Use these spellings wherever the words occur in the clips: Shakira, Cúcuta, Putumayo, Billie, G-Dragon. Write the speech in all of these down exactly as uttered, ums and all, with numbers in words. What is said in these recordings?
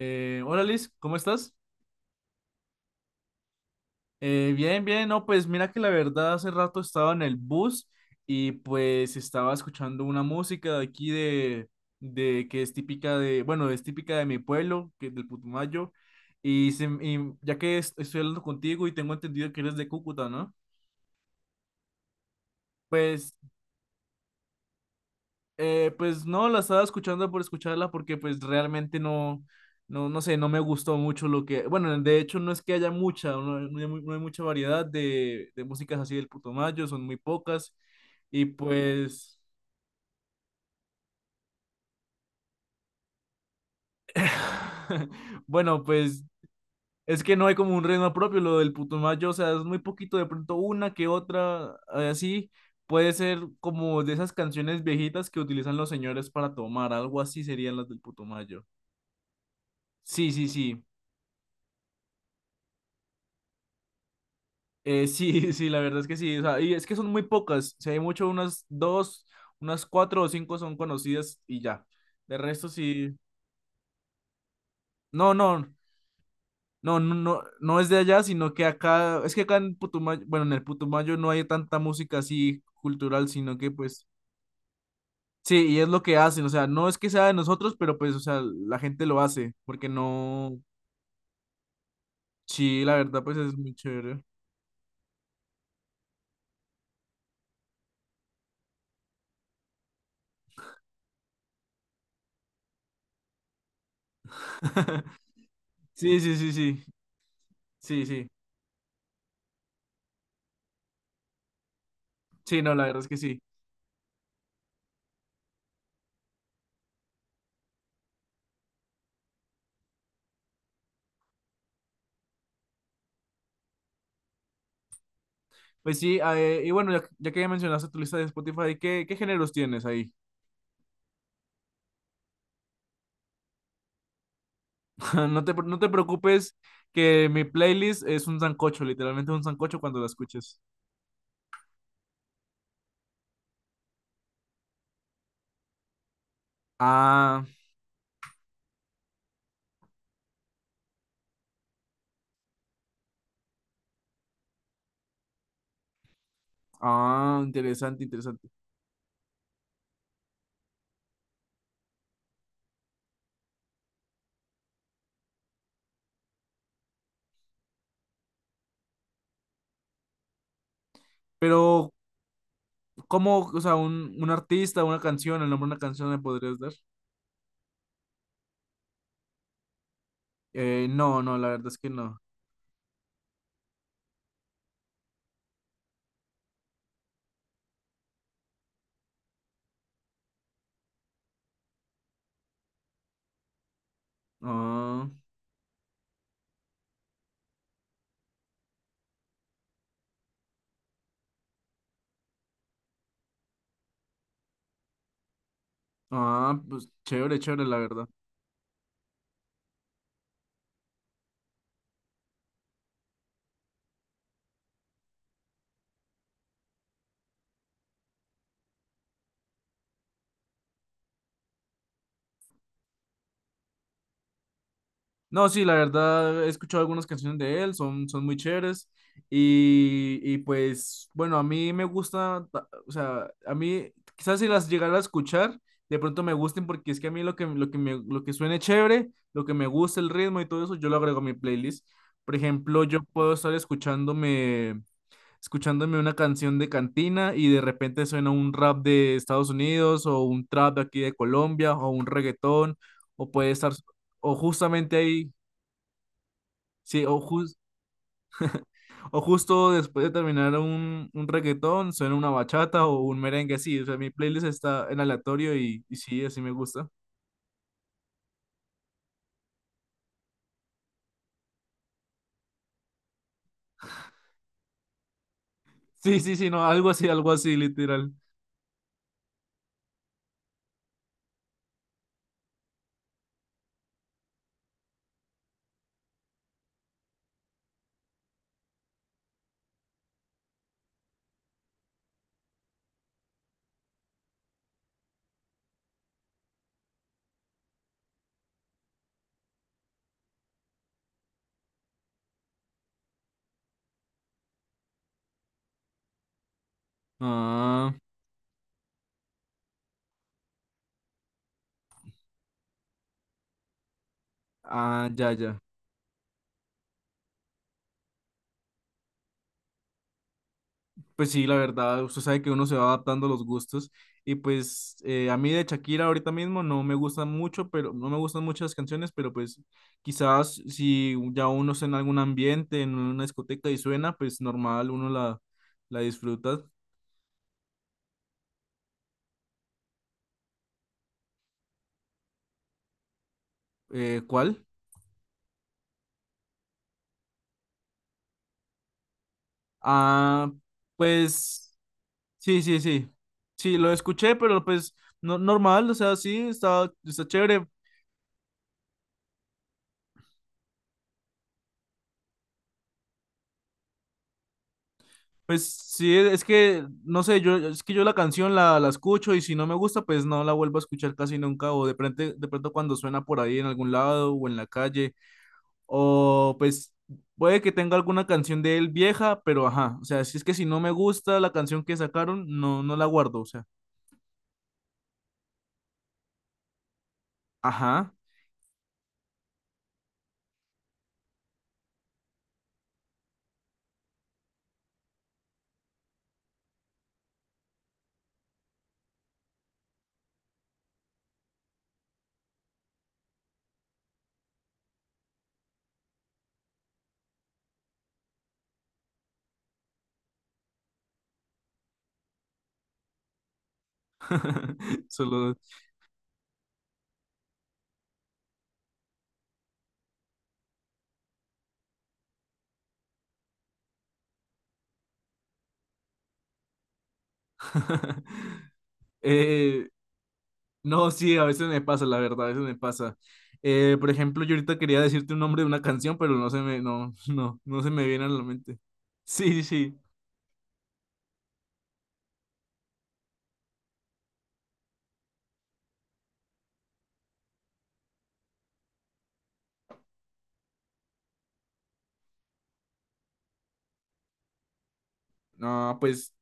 Eh, hola Liz, ¿cómo estás? Eh, bien, bien, no, pues mira que la verdad hace rato estaba en el bus y pues estaba escuchando una música de aquí de, de que es típica de, bueno, es típica de mi pueblo, que es del Putumayo, y, se- y ya que es- estoy hablando contigo y tengo entendido que eres de Cúcuta, ¿no? Pues. Eh, pues no, la estaba escuchando por escucharla porque pues realmente no, no, no sé, no me gustó mucho lo que, bueno, de hecho no es que haya mucha, no, no hay, mu- no hay mucha variedad de, de músicas así del Putumayo, son muy pocas y pues. Bueno, pues es que no hay como un ritmo propio lo del Putumayo, o sea, es muy poquito, de pronto una que otra, eh, así, puede ser como de esas canciones viejitas que utilizan los señores para tomar, algo así serían las del Putumayo. Sí, sí, sí. Eh, sí, sí, la verdad es que sí. O sea, y es que son muy pocas. Si hay mucho, unas dos, unas cuatro o cinco son conocidas y ya. De resto sí. No, no, no, no, no, no es de allá, sino que acá, es que acá en Putumayo, bueno, en el Putumayo no hay tanta música así cultural, sino que pues, sí, y es lo que hacen. O sea, no es que sea de nosotros, pero pues, o sea, la gente lo hace, porque no. Sí, la verdad, pues es muy chévere. Sí, sí, sí, sí. Sí, sí. Sí, no, la verdad es que sí. Pues sí, ah, eh, y bueno, ya, ya que ya mencionaste tu lista de Spotify, ¿qué, qué géneros tienes ahí? No te, pre- no te preocupes que mi playlist es un sancocho, literalmente un sancocho cuando la escuches. Ah, ah, interesante, interesante. Pero, ¿cómo, o sea, un, un artista, una canción, el nombre de una canción me podrías dar? Eh, no, no, la verdad es que no. Ah, ah, pues chévere, chévere, la verdad. No, sí, la verdad he escuchado algunas canciones de él, son, son muy chéveres. Y, y pues, bueno, a mí me gusta, ta- o sea, a mí quizás si las llegara a escuchar, de pronto me gusten porque es que a mí lo que, lo que, me, lo que suene chévere, lo que me gusta, el ritmo y todo eso, yo lo agrego a mi playlist. Por ejemplo, yo puedo estar escuchándome, escuchándome una canción de cantina y de repente suena un rap de Estados Unidos o un trap de aquí de Colombia o un reggaetón o puede estar. O justamente ahí. Sí, o, jus- o justo después de terminar un, un reggaetón, suena una bachata o un merengue, sí, o sea, mi playlist está en aleatorio y, y sí, así me gusta. Sí, sí, sí, no, algo así, algo así, literal. Ah, ah, ya, ya. Pues sí, la verdad, usted sabe que uno se va adaptando a los gustos y pues eh, a mí de Shakira ahorita mismo no me gustan mucho, pero no me gustan muchas canciones, pero pues quizás si ya uno está en algún ambiente, en una discoteca y suena, pues normal, uno la, la disfruta. Eh, ¿cuál? Ah, pues sí, sí, sí. Sí, lo escuché, pero pues no, normal, o sea, sí, está, está chévere. Pues sí, es que, no sé, yo, es que yo la canción la, la escucho y si no me gusta, pues no la vuelvo a escuchar casi nunca, o de pronto, de pronto cuando suena por ahí en algún lado o en la calle, o pues puede que tenga alguna canción de él vieja, pero ajá, o sea, si es que si no me gusta la canción que sacaron, no, no la guardo, o sea, ajá, solo. Eh, no, sí, a veces me pasa, la verdad, a veces me pasa. Eh, por ejemplo, yo ahorita quería decirte un nombre de una canción, pero no se me, no, no, no se me viene a la mente. Sí, sí, sí. Ah, pues,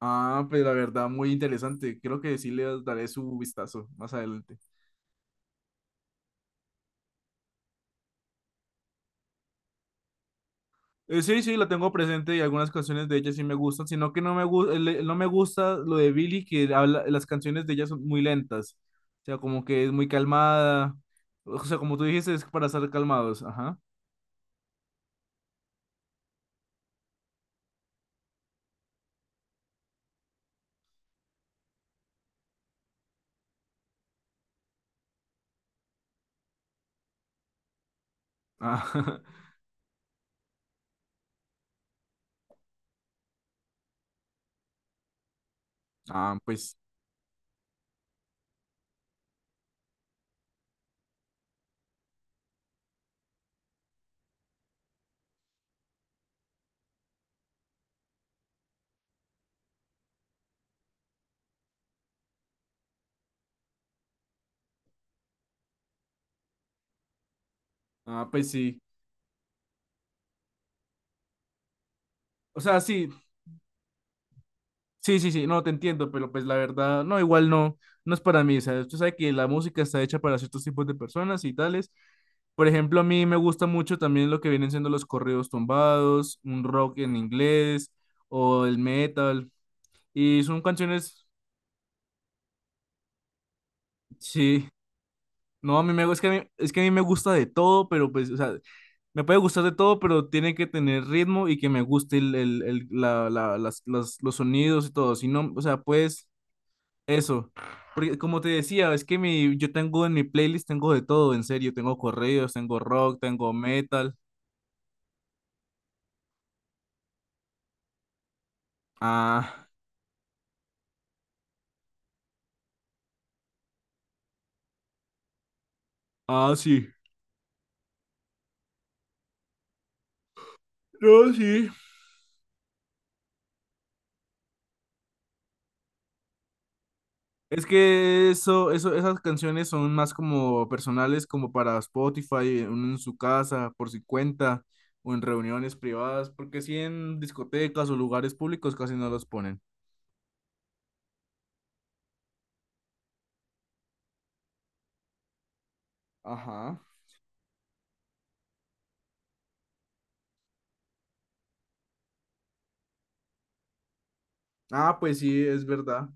ah, pues la verdad, muy interesante. Creo que sí le daré su vistazo más adelante. Eh, sí, sí, la tengo presente y algunas canciones de ella sí me gustan, sino que no me, gu- no me gusta lo de Billie, que habla, las canciones de ella son muy lentas, o sea, como que es muy calmada, o sea, como tú dijiste, es para estar calmados, ajá. Ah, ah, pues, ah, pues sí. O sea, sí. Sí, sí, sí, no, te entiendo, pero pues la verdad, no, igual no, no es para mí, o sea, usted sabe que la música está hecha para ciertos tipos de personas y tales. Por ejemplo, a mí me gusta mucho también lo que vienen siendo los corridos tumbados, un rock en inglés o el metal. Y son canciones, sí, no, a mí me, es que a mí- es que a mí me gusta de todo, pero pues, o sea, me puede gustar de todo, pero tiene que tener ritmo y que me guste el, el- el- la- la- las- las- los sonidos y todo. Si no, o sea, puedes. Eso, porque como te decía, es que mi, yo tengo en mi playlist, tengo de todo, en serio, tengo corridos, tengo rock, tengo metal. Ah, ah, sí. No, sí. Es que eso, eso, esas canciones son más como personales, como para Spotify, uno en su casa, por su cuenta, o en reuniones privadas, porque sí en discotecas o lugares públicos casi no los ponen. Ajá. Ah, pues sí, es verdad.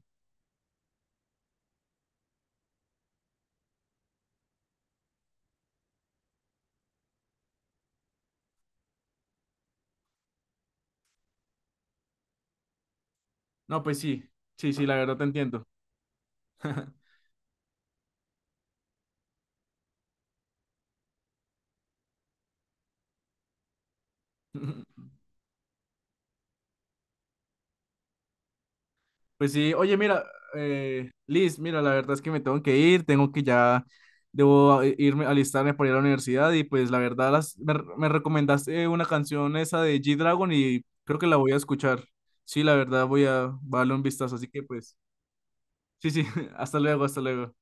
No, pues sí, sí, sí, la verdad te entiendo. Pues sí, oye, mira, eh, Liz, mira, la verdad es que me tengo que ir, tengo que ya, debo eh, irme, alistarme para ir a la universidad y pues la verdad las, me, me recomendaste una canción esa de G-Dragon y creo que la voy a escuchar. Sí, la verdad voy a voy a darle un vistazo, así que pues, sí, sí, hasta luego, hasta luego.